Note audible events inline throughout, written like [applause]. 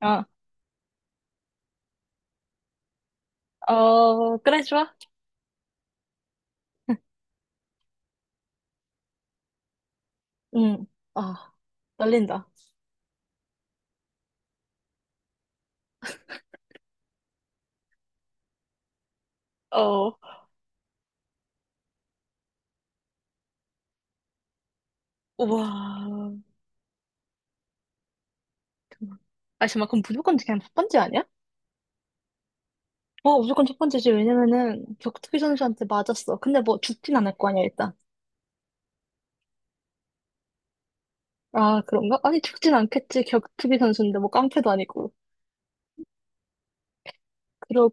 아, 어, 그래, 좋아. 응. 아, 떨린다. 어, 우와. 아, 잠깐만, 그럼 무조건 그냥 첫 번째 아니야? 어, 무조건 첫 번째지. 왜냐면은, 격투기 선수한테 맞았어. 근데 뭐, 죽진 않을 거 아니야, 일단. 아, 그런가? 아니, 죽진 않겠지. 격투기 선수인데, 뭐, 깡패도 아니고. 그러,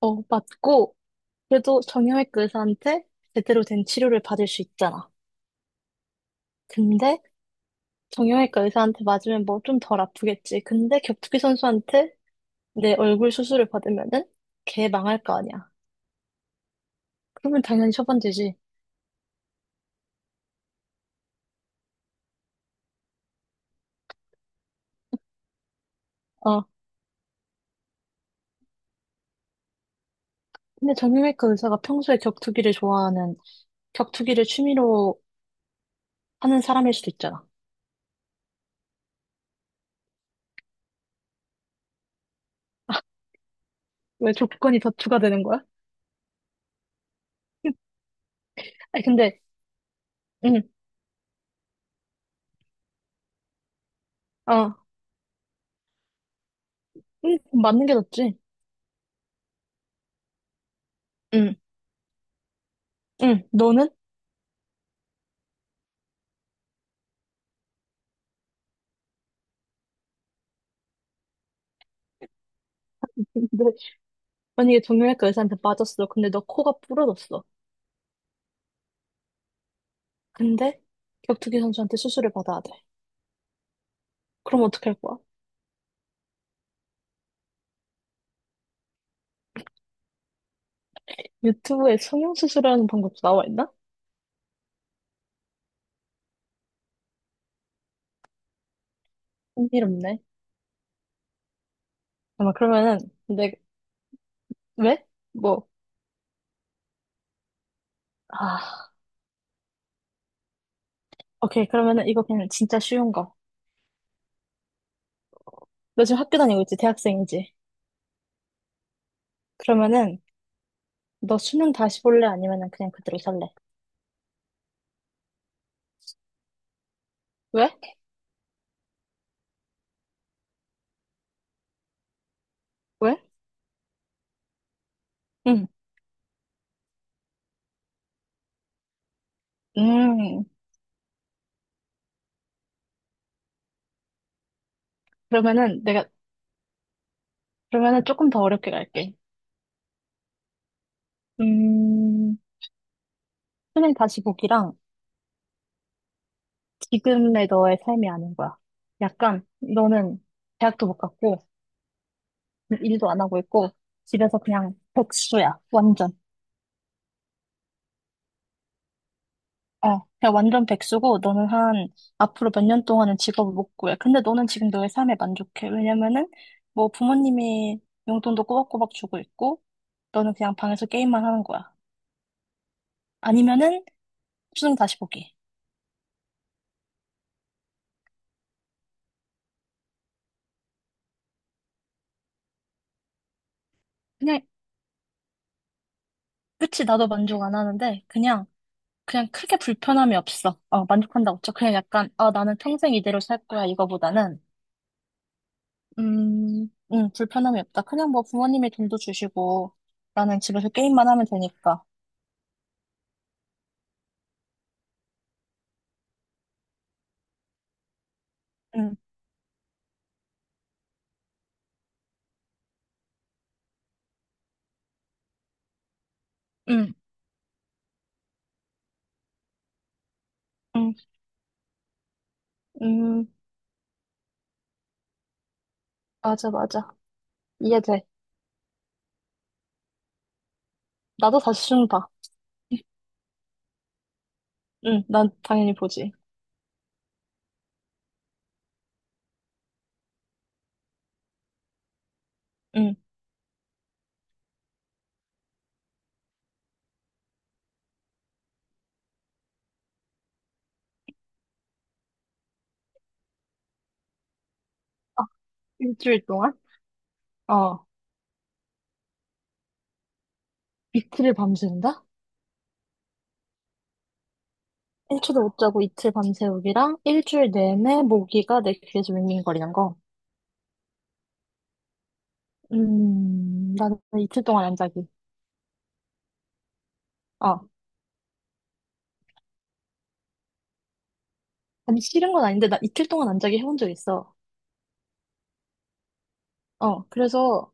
어, 맞고, 그래도 정형외과 의사한테 제대로 된 치료를 받을 수 있잖아. 근데, 정형외과 의사한테 맞으면 뭐, 좀 덜 아프겠지. 근데, 격투기 선수한테 내 얼굴 수술을 받으면은 개 망할 거 아니야. 그러면 당연히 처방되지. 어. 근데 정형외과 의사가 평소에 격투기를 취미로 하는 사람일 수도 있잖아. 왜 조건이 더 추가되는 거야? 아니 근데 응, 어, 응, 맞는 게 낫지. 응, 응, 너는? [laughs] 근데 만약에 정형외과 의사한테 맞았어. 근데 너 코가 부러졌어. 근데 격투기 선수한테 수술을 받아야 돼. 그럼 어떻게 할 거야? 유튜브에 성형수술하는 방법도 나와 있나? 흥미롭네. 아마 그러면은 내 왜? 뭐, 아, 오케이. 그러면은 이거 그냥 진짜 쉬운 거. 너 지금 학교 다니고 있지? 대학생이지? 그러면은 너 수능 다시 볼래? 아니면은 그냥 그대로 살래? 왜? 왜? 응. 음, 그러면은 내가, 그러면은 조금 더 어렵게 갈게. 음, 수능 다시 보기랑 지금의 너의 삶이 아닌 거야. 약간 너는 대학도 못 갔고, 일도 안 하고 있고, 집에서 그냥 백수야. 완전. 어, 그냥 완전 백수고, 앞으로 몇 년 동안은 직업을 못 구해. 근데 너는 지금 너의 삶에 만족해. 왜냐면은, 뭐 부모님이 용돈도 꼬박꼬박 주고 있고, 너는 그냥 방에서 게임만 하는 거야. 아니면은, 수능 다시 보기. 그냥, 그치, 나도 만족 안 하는데, 그냥, 그냥 크게 불편함이 없어. 어, 만족한다고 쳐. 그냥 약간, 아, 나는 평생 이대로 살 거야, 이거보다는. 불편함이 없다. 그냥 뭐 부모님이 돈도 주시고, 나는 집에서 게임만 하면 되니까. 음, 음. 음. 음, 맞아, 맞아. 이해돼. 나도 다시 준다. 응, 난 당연히 보지. 응. 아, 일주일 동안? 어. 이틀을 밤새운다? 일초도 못 자고 이틀 밤새우기랑 일주일 내내 모기가 내 귀에서 윙윙거리는 거. 나는 이틀 동안 안 자기. 어. 아니, 싫은 건 아닌데, 나 이틀 동안 안 자기 해본 적 있어. 어, 그래서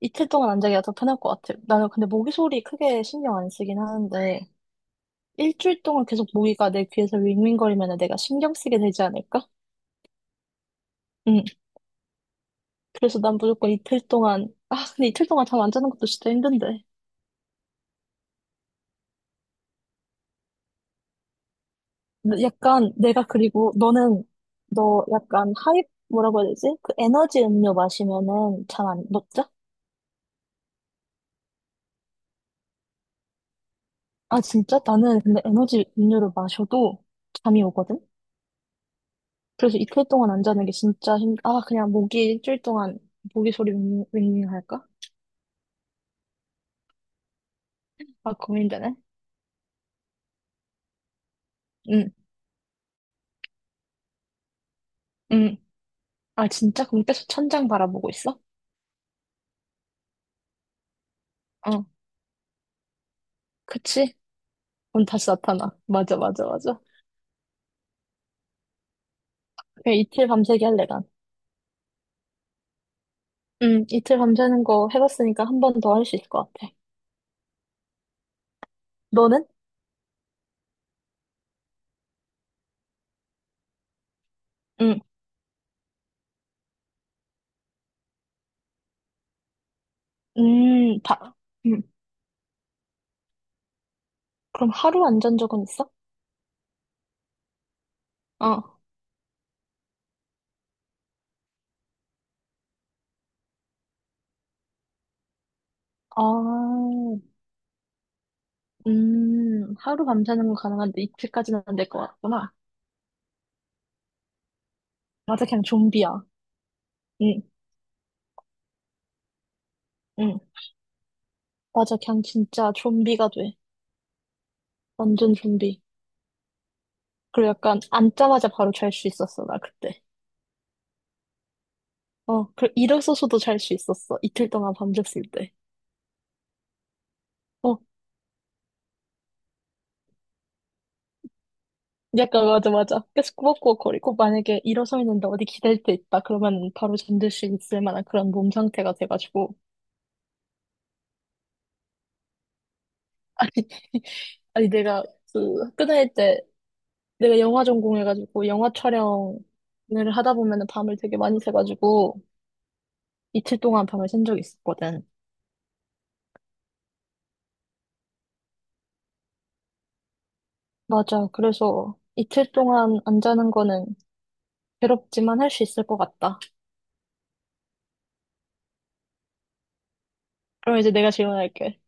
이틀 동안 안 자기가 더 편할 것 같아. 나는 근데 모기 소리 크게 신경 안 쓰긴 하는데, 일주일 동안 계속 모기가 내 귀에서 윙윙거리면 내가 신경 쓰게 되지 않을까? 응. 그래서 난 무조건 이틀 동안, 아, 근데 이틀 동안 잠 안 자는 것도 진짜 힘든데. 근데 약간 내가 그리고 너는, 너 약간 하이, 뭐라고 해야 되지? 그 에너지 음료 마시면은 잠 안, 못 자? 아, 진짜? 나는 근데 에너지 음료를 마셔도 잠이 오거든? 그래서 이틀 동안 안 자는 게 진짜 아, 그냥 모기 일주일 동안 모기 소리 윙윙 할까? 아, 고민되네. 응, 응, 아, 진짜? 그럼 계속 천장 바라보고 있어? 어, 그치? 그럼 다시 나타나. 맞아, 맞아, 맞아. 그냥 이틀 밤새기 할래, 난. 응, 이틀 밤새는 거 해봤으니까 한 번 더 할 수 있을 것 같아. 너는? 응, 음, 다, 음. 그럼 하루 안 잔 적은 있어? 어, 아, 하루 밤새는 건 가능한데 이틀까지는 안 될 것 같구나. 맞아, 그냥 좀비야. 응, 응. 맞아, 그냥 진짜 좀비가 돼. 완전 좀비. 그리고 약간 앉자마자 바로 잘 수 있었어, 나 그때. 어, 그 일어서서도 잘 수 있었어. 이틀 동안 밤샜을 때. 어, 약간 맞아, 맞아. 계속 꾸벅꾸벅거리고 만약에 일어서 있는데 어디 기댈 데 있다. 그러면 바로 잠들 수 있을 만한 그런 몸 상태가 돼가지고. 아니, [laughs] 아니 내가 그 학교 다닐 때 내가 영화 전공해가지고 영화 촬영을 하다 보면은 밤을 되게 많이 새가지고 이틀 동안 밤을 샌 적이 있었거든. 맞아. 그래서 이틀 동안 안 자는 거는 괴롭지만 할 수 있을 것 같다. 그럼 이제 내가 질문할게.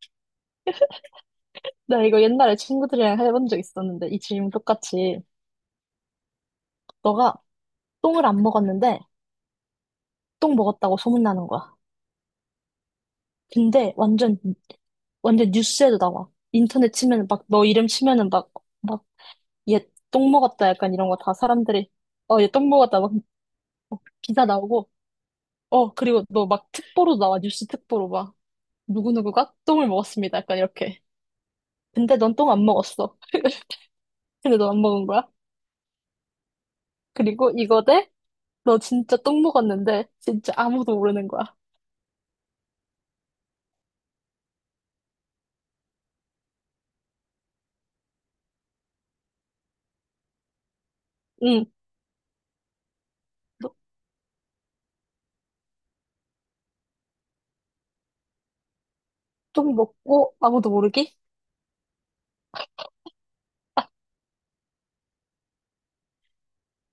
나 이거 옛날에 친구들이랑 해본 적 있었는데, 이 질문 똑같이. 너가 똥을 안 먹었는데, 똥 먹었다고 소문나는 거야. 근데 완전, 완전 뉴스에도 나와. 인터넷 치면은 막, 너 이름 치면은 막, 막, 얘 똥 먹었다 약간 이런 거 다 사람들이, 어, 얘 똥 먹었다 막, 막 기사 나오고, 어, 그리고 너 막 특보로 나와. 뉴스 특보로 막, 누구누구가 똥을 먹었습니다. 약간 이렇게. 근데 넌 똥 안 먹었어. [laughs] 근데 너 안 먹은 거야? 그리고 너 진짜 똥 먹었는데, 진짜 아무도 모르는 거야. 응, 너, 똥 먹고 아무도 모르게?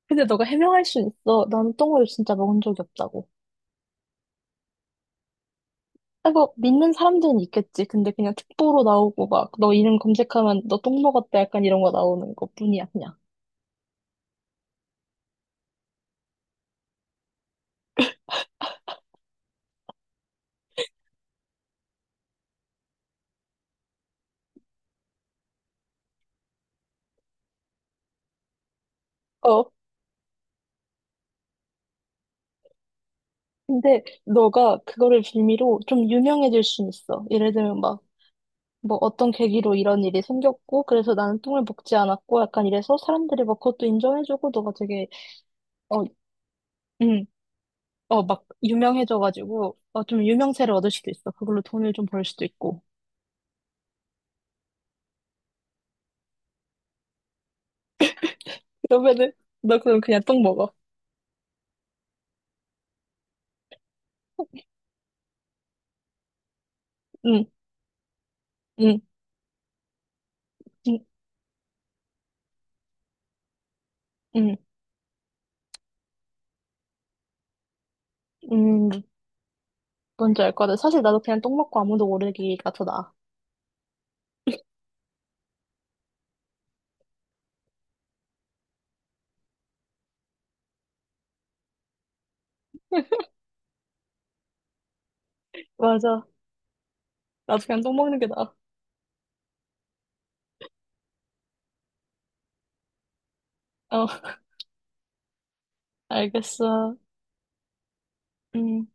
근데 너가 해명할 순 있어. 나는 똥을 진짜 먹은 적이 없다고. 아이 믿는 사람들은 있겠지. 근데 그냥 특보로 나오고 막, 너 이름 검색하면 너 똥 먹었다 약간 이런 거 나오는 것뿐이야, 그냥. 어. 근데 너가 그거를 빌미로 좀 유명해질 순 있어. 예를 들면 막, 뭐 어떤 계기로 이런 일이 생겼고, 그래서 나는 똥을 먹지 않았고, 약간 이래서 사람들이 막 그것도 인정해주고, 너가 되게, 어, 응. 어, 막 유명해져가지고, 어, 좀 유명세를 얻을 수도 있어. 그걸로 돈을 좀 벌 수도 있고. 그러면은 너 그럼 그냥 똥 먹어. 응, 응, 응, 응, 응. 뭔지 알 거다. 사실 나도 그냥 똥 먹고 아무도 모르기가 더 나아. 맞아. 나도 그냥 똥 먹는 게 나아. 어, [laughs] 알겠어. 음.